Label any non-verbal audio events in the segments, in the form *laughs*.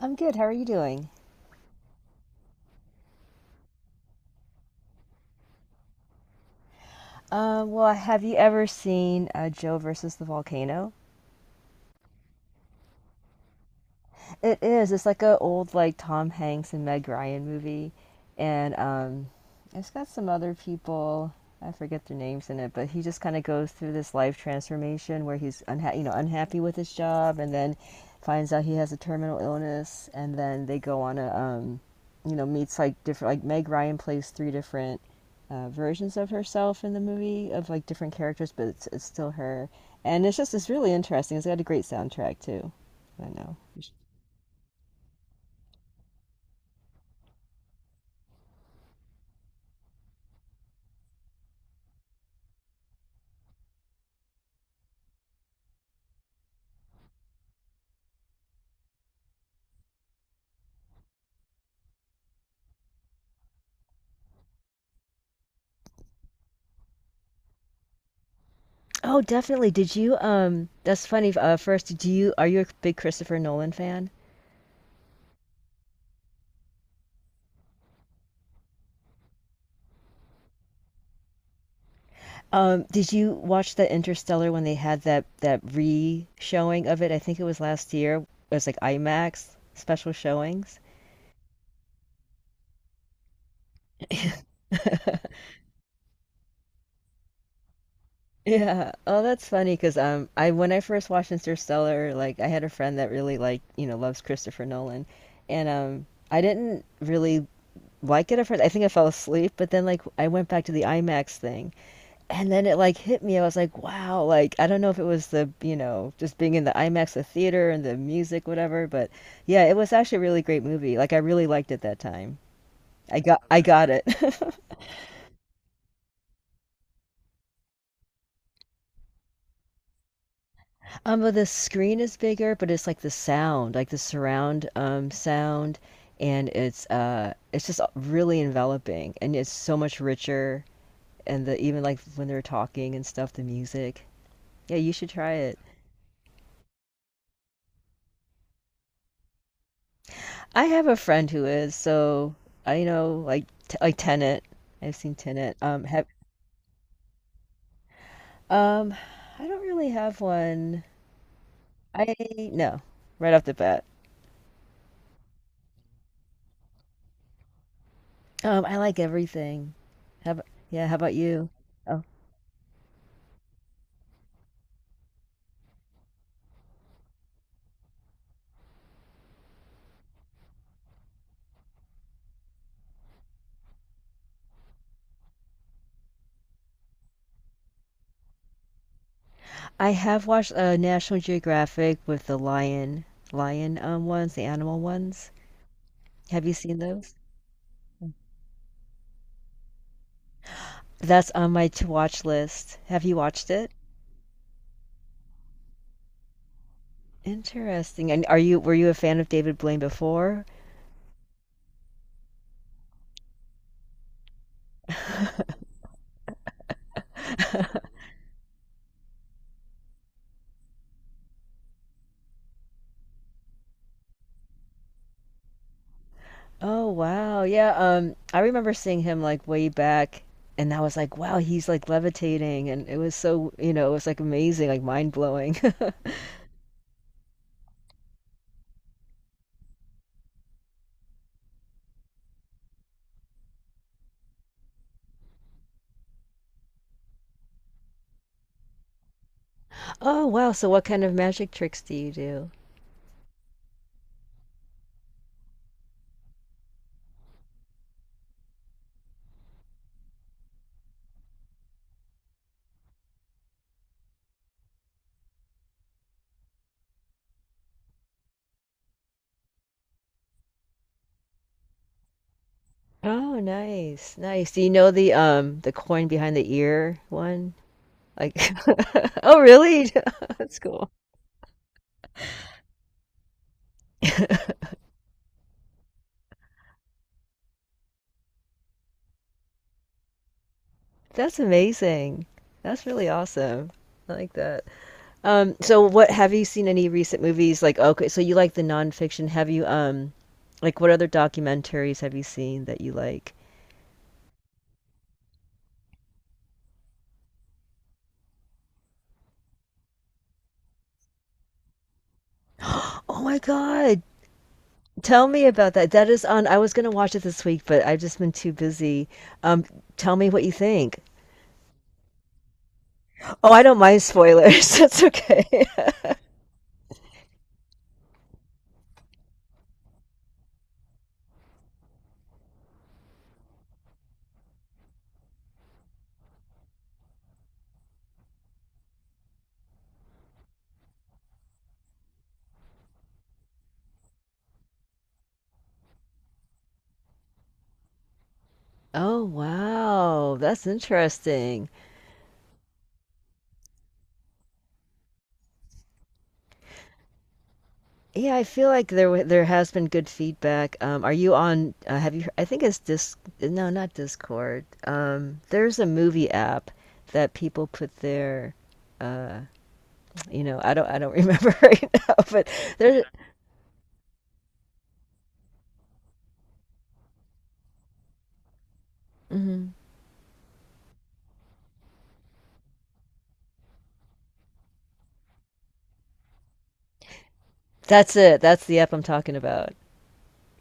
I'm good. How are you doing? Have you ever seen Joe versus the Volcano? It is. It's like a old like Tom Hanks and Meg Ryan movie, and it's got some other people. I forget their names in it, but he just kind of goes through this life transformation where he's unhappy with his job, and then finds out he has a terminal illness, and then they go on a meets like different like Meg Ryan plays three different versions of herself in the movie of like different characters, but it's still her, and it's just it's really interesting. It's got a great soundtrack too. I know. Oh, definitely. Did you that's funny. First, do you are you a big Christopher Nolan fan? Did you watch the Interstellar when they had that re-showing of it? I think it was last year. It was like IMAX special showings. *laughs* Yeah. Oh, that's funny because I when I first watched Interstellar, like I had a friend that really loves Christopher Nolan, and I didn't really like it at first. I think I fell asleep, but then like I went back to the IMAX thing, and then it like hit me. I was like, wow, like I don't know if it was just being in the IMAX, the theater and the music, whatever, but yeah, it was actually a really great movie. Like I really liked it that time. I got it. *laughs* But the screen is bigger, but it's like the sound, like the surround sound, and it's just really enveloping and it's so much richer and the even like when they're talking and stuff, the music. Yeah, you should try it. I have a friend who is, so I know like Tenet. I've seen Tenet. Have um, I don't really have one. I no, right off the bat. I like everything. How about you? Oh, I have watched National Geographic with the lion ones, the animal ones. Have you seen those? That's on my to watch list. Have you watched it? Interesting. And are you were you a fan of David Blaine before? Oh wow. Yeah, I remember seeing him like way back and I was like, wow, he's like levitating and it was so, it was like amazing, like mind-blowing. *laughs* Oh wow, so what kind of magic tricks do you do? Oh, nice. Nice. Do you know the coin behind the ear one? Like *laughs* Oh, really? *laughs* That's cool. *laughs* That's amazing. That's really awesome. I like that. So what have you seen any recent movies like okay, so you like the nonfiction. Have you like what other documentaries have you seen that you like? Oh my God. Tell me about that. That is on I was gonna watch it this week, but I've just been too busy. Um, tell me what you think. Oh, I don't mind spoilers. *laughs* That's okay. *laughs* Oh wow, that's interesting. Yeah, I feel like there has been good feedback. Are you on? Have you? I think it's Dis. No, not Discord. There's a movie app that people put their. Uh, you know, I don't remember *laughs* right now, but there's. Mhm. That's it. That's the app I'm talking about.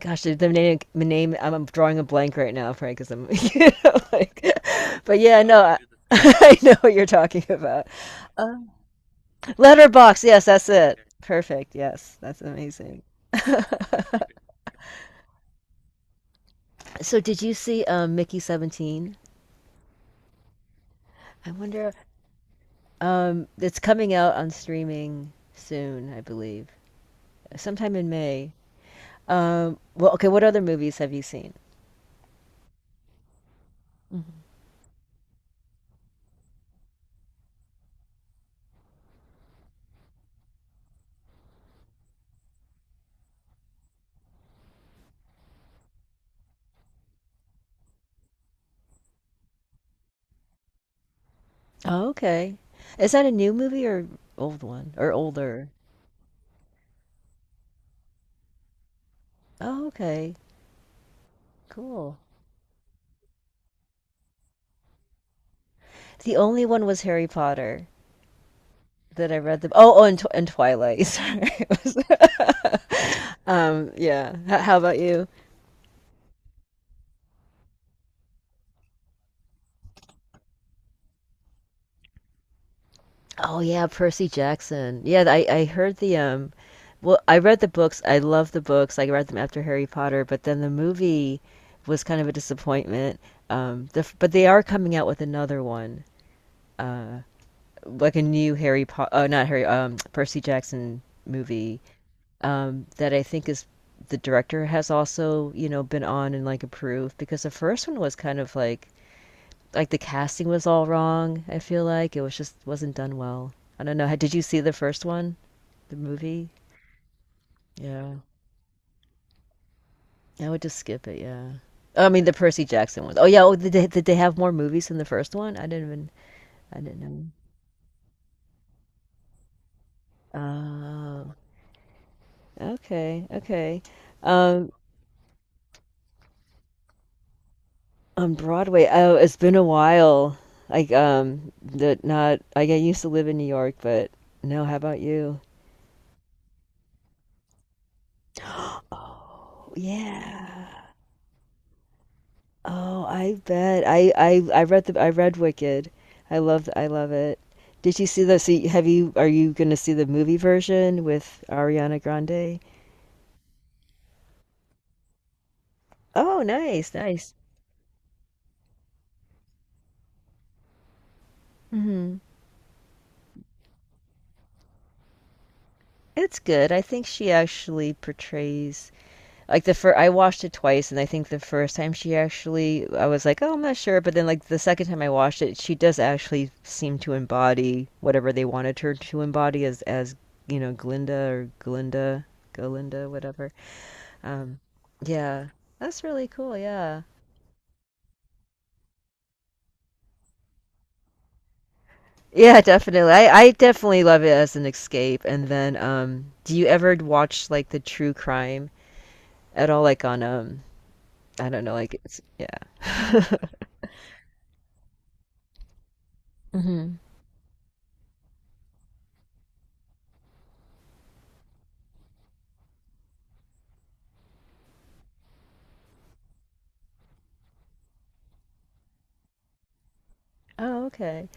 Gosh, the name, the name. I'm drawing a blank right now, Frank, because I'm. *laughs* You know, like, but yeah, no, I, *laughs* I know what you're talking about. Uh, Letterbox. Yes, that's it. Perfect. Yes, that's amazing. So did you see Mickey 17? I wonder. It's coming out on streaming soon, I believe, sometime in May. Well, okay. What other movies have you seen? Mhm. Oh, okay. Is that a new movie or old one or older? Oh, okay. Cool. The only one was Harry Potter that I read the. Oh, oh, and Twilight. *laughs* Sorry. *laughs* Yeah. H how about you? Oh yeah, Percy Jackson. Yeah, I heard the well, I read the books. I love the books. I read them after Harry Potter, but then the movie was kind of a disappointment. But they are coming out with another one, uh, like a new Harry Potter, not Harry, Percy Jackson movie that I think is the director has also, you know, been on and like approved because the first one was kind of like the casting was all wrong. I feel like it was just wasn't done well. I don't know. Did you see the first one, the movie? Yeah, I would just skip it. Yeah, oh, I mean the Percy Jackson one. Oh yeah, oh, did they have more movies than the first one? I didn't know. Oh, okay, okay. Um, on Broadway, oh, it's been a while. Like, that not. I get used to live in New York, but no. How about you? Oh, yeah. Oh, I bet. I read Wicked. I love it. Did you see the so you- have you are you going to see the movie version with Ariana Grande? Oh, nice, nice. Hmm. It's good. I think she actually portrays like the first I watched it twice and I think the first time she actually I was like, "Oh, I'm not sure," but then like the second time I watched it, she does actually seem to embody whatever they wanted her to embody as you know, Glinda, Galinda, whatever. Um, yeah, that's really cool. Yeah. Yeah, definitely. I definitely love it as an escape. And then, do you ever watch like the true crime at all? I don't know, like it's, yeah. *laughs* Hmm. Oh, okay.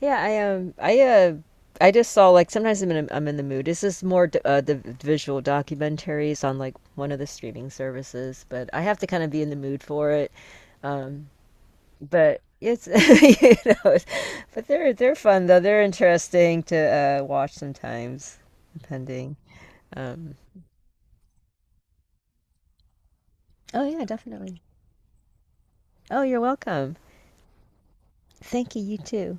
Yeah, I just saw sometimes I'm in I'm in the mood. This is more the visual documentaries on like one of the streaming services, but I have to kind of be in the mood for it. Um, but it's *laughs* you know, but they're fun though. They're interesting to watch sometimes, depending. Um, oh yeah, definitely. Oh, you're welcome. Thank you. You too.